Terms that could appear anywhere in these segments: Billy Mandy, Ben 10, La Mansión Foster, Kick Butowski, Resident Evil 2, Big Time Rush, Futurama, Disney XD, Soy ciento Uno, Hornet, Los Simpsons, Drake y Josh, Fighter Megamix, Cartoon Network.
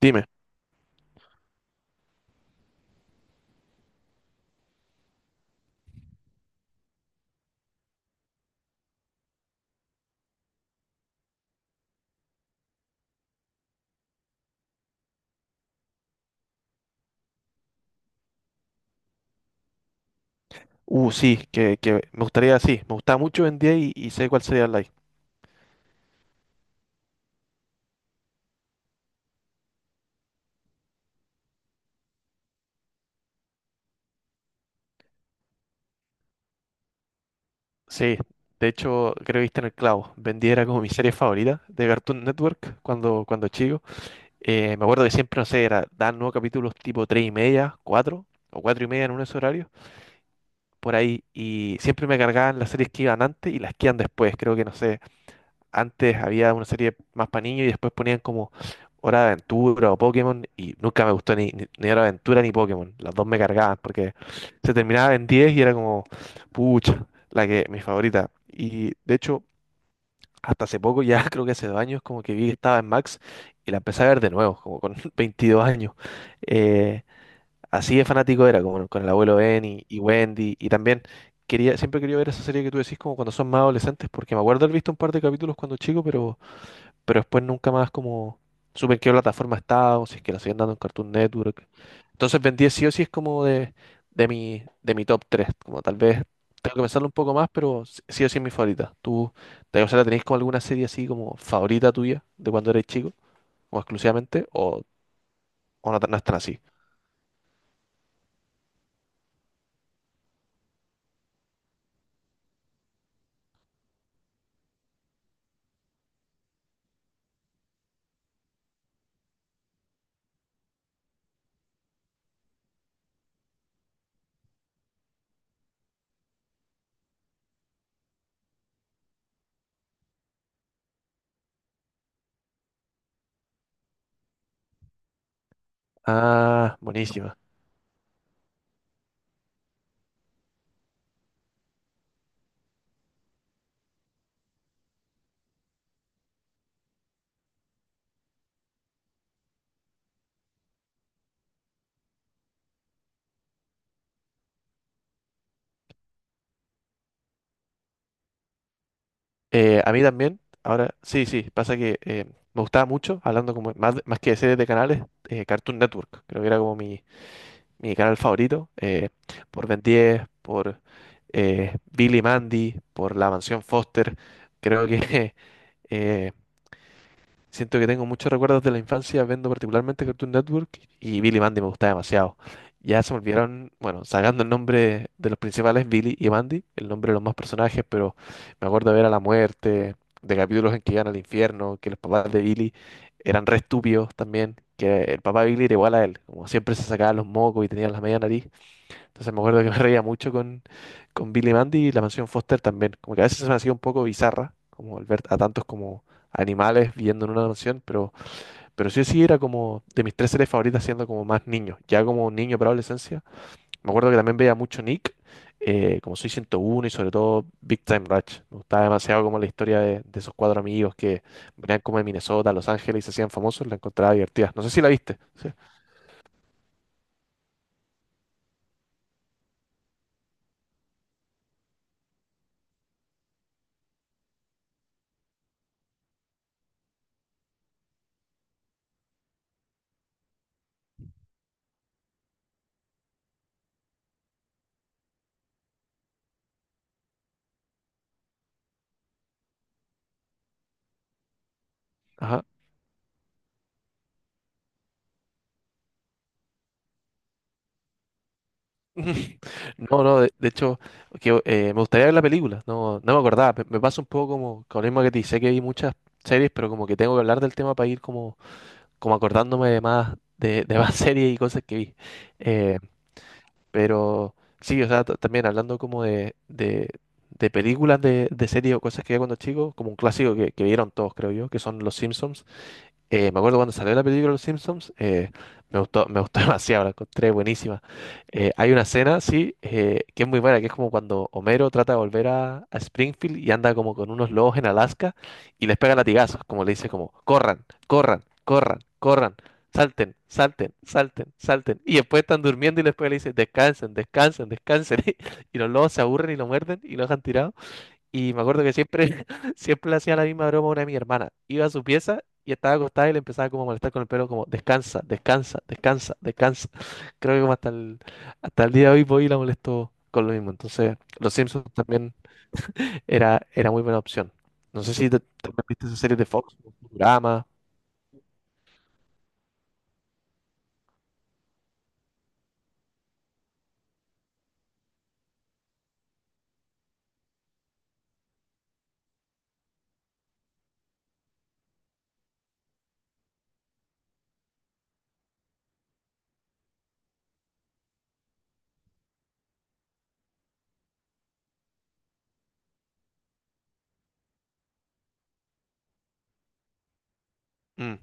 Dime. Sí, que me gustaría, sí, me gustaba mucho Ben 10 y sé cuál sería el like. Sí, de hecho, creo que viste en el clavo. Ben 10 era como mi serie favorita de Cartoon Network cuando chico. Me acuerdo que siempre, no sé, era, daban nuevos capítulos tipo 3:30, 4 o 4:30 en unos horarios, por ahí. Y siempre me cargaban las series que iban antes y las que iban después. Creo que, no sé, antes había una serie más para niños y después ponían como Hora de Aventura o Pokémon y nunca me gustó ni Hora de Aventura ni Pokémon. Las dos me cargaban porque se terminaba en 10 y era como, pucha, la que, mi favorita. Y de hecho, hasta hace poco, ya creo que hace 2 años, como que vi que estaba en Max y la empecé a ver de nuevo, como con 22 años. Eh, Así de fanático era, como con el abuelo Ben y Wendy y también... Quería, siempre quería ver esa serie que tú decís como cuando son más adolescentes, porque me acuerdo haber visto un par de capítulos cuando chico, pero después nunca más como supe en qué plataforma estaba o si es que la siguen dando en Cartoon Network. Entonces Ben 10 sí o sí es como de mi top 3 como tal vez tengo que pensarlo un poco más, pero sí sí o sí es mi favorita. ¿Tú, te, o sea, tenéis como alguna serie así como favorita tuya de cuando eres chico, como exclusivamente, o, no, tan- no es tan así? Ah, buenísima. A mí también, ahora, sí, sí, pasa que me gustaba mucho, hablando como más que de series de canales, Cartoon Network, creo que era como mi canal favorito, por Ben 10, por Billy Mandy, por La Mansión Foster. Creo que eh, siento que tengo muchos recuerdos de la infancia viendo particularmente Cartoon Network y Billy Mandy me gustaba demasiado. Ya se me olvidaron, bueno, sacando el nombre de los principales, Billy y Mandy, el nombre de los más personajes, pero me acuerdo de ver a la muerte, de capítulos en que iban al infierno, que los papás de Billy eran re estúpidos también, que el papá de Billy era igual a él, como siempre se sacaba los mocos y tenía la media nariz. Entonces me acuerdo que me reía mucho con Billy Mandy y la mansión Foster también. Como que a veces se me hacía un poco bizarra, como al ver a tantos como animales viviendo en una mansión, pero sí sí era como de mis tres series favoritas siendo como más niño, ya como niño para adolescencia. Me acuerdo que también veía mucho Nick, como Soy 101 y sobre todo Big Time Rush. Me gustaba demasiado como la historia de esos cuatro amigos que venían como de Minnesota, a Los Ángeles y se hacían famosos, la encontraba divertida. No sé si la viste. Sí. Ajá. No, no, de hecho, que, me gustaría ver la película, no, no me acordaba, me pasa un poco como con el mismo que te sé que vi muchas series, pero como que tengo que hablar del tema para ir como, como acordándome de más, de más series y cosas que vi. Eh, pero sí, o sea, ta- también hablando como de películas de series o cosas que vi cuando chico, como un clásico que vieron todos, creo yo, que son Los Simpsons. Me acuerdo cuando salió la película Los Simpsons, me gustó demasiado, la encontré buenísima. Hay una escena, sí, que es muy buena, que es como cuando Homero trata de volver a Springfield y anda como con unos lobos en Alaska y les pega latigazos, como le dice como, corran, corran, corran, corran, salten, salten, salten, salten. Y después están durmiendo y después le dice, descansen, descansen, descansen. Y los lobos se aburren y lo muerden y lo dejan tirado. Y me acuerdo que siempre, siempre le hacía la misma broma a una de mi hermana. Iba a su pieza y estaba acostada y le empezaba como a molestar con el pelo, como descansa, descansa, descansa, descansa. Creo que como hasta el día de hoy voy y la molesto con lo mismo. Entonces, Los Simpsons también era muy buena opción. No sé si te, también viste esa serie de Fox, Futurama. Mm,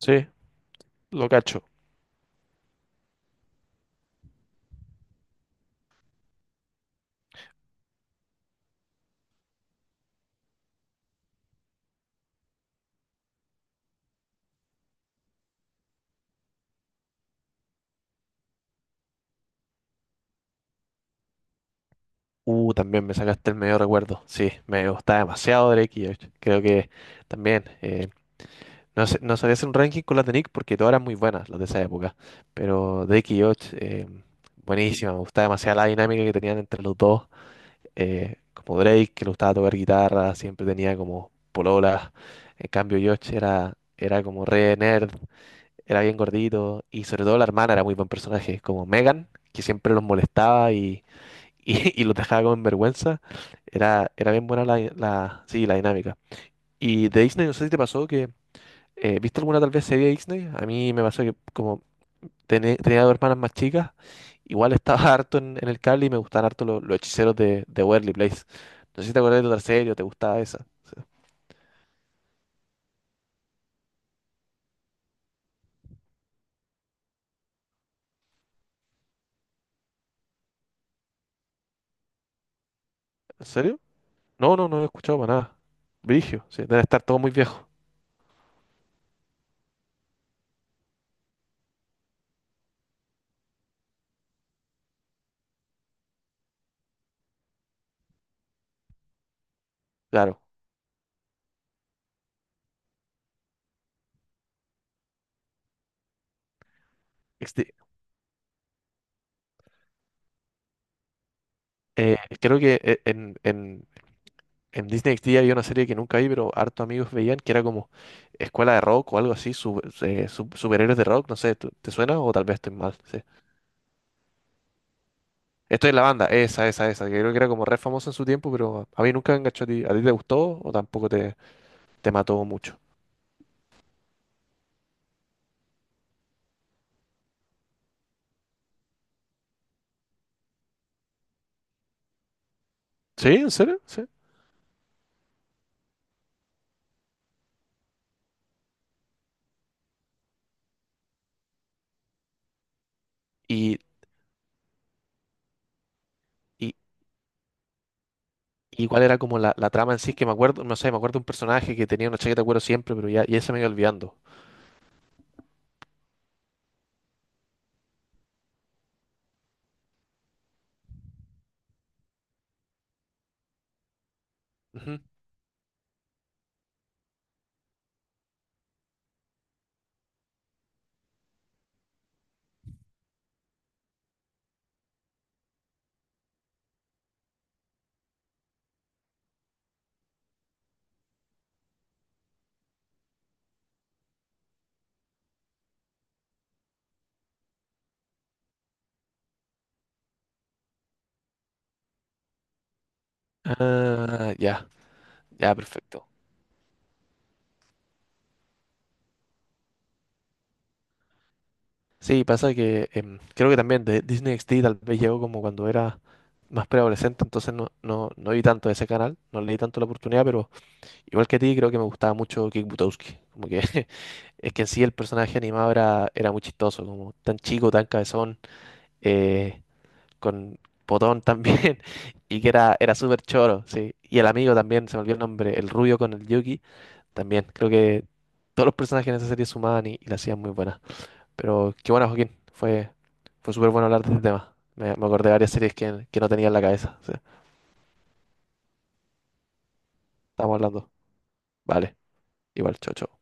sí, lo cacho. También me sacaste el medio recuerdo. Sí, me gustaba demasiado Drake y Josh. Creo que también. No, sé- no sabía hacer un ranking con las de Nick porque todas eran muy buenas, las de esa época. Pero Drake y Josh, buenísima. Me gustaba demasiado la dinámica que tenían entre los dos. Como Drake, que le gustaba tocar guitarra, siempre tenía como pololas. En cambio, Josh era como re nerd, era bien gordito. Y sobre todo la hermana era muy buen personaje, como Megan, que siempre los molestaba y y los dejaba como en vergüenza. Era bien buena la, la, sí, la dinámica. Y de Disney, no sé si te pasó que ¿viste alguna tal vez serie de Disney? A mí me pasó que como tené- tenía dos hermanas más chicas, igual estaba harto en el cable y me gustaban harto lo- los, hechiceros de Waverly Place. No sé si te acuerdas de otra serie o te gustaba esa. ¿En serio? No, no, no he escuchado para nada. Brigio, sí, debe estar todo muy viejo. Claro. XD. Creo que en Disney XD había una serie que nunca vi, pero harto amigos veían que era como Escuela de Rock o algo así, superhéroes de rock, no sé, ¿tú- ¿te suena? O tal vez estoy mal, sí. Estoy en la banda, esa, que creo que era como re famosa en su tiempo, pero a mí nunca me enganchó a ti. ¿A ti te gustó o tampoco te mató mucho? ¿Sí? ¿En serio? ¿Sí? ¿Y, y, y cuál era como la trama en sí? Que me acuerdo, no sé, me acuerdo de un personaje que tenía una chaqueta de cuero siempre, pero ya se me iba olvidando. Ujú. Ah, ya, ya, perfecto. Sí, pasa que creo que también de Disney XD tal vez llegó como cuando era más preadolescente, entonces no vi tanto ese canal, no le di tanto la oportunidad, pero igual que a ti creo que me gustaba mucho Kick Butowski, como que es que en sí el personaje animado era muy chistoso, como tan chico, tan cabezón, eh, con potón también, y que era súper choro, sí. Y el amigo también, se me olvidó el nombre, el rubio con el Yuki, también. Creo que todos los personajes en esa serie sumaban y la hacían muy buena. Pero qué bueno, Joaquín, fue súper bueno hablar de este tema. Me acordé de varias series que no tenía en la cabeza. Sí. Estamos hablando. Vale, igual, chau, chau.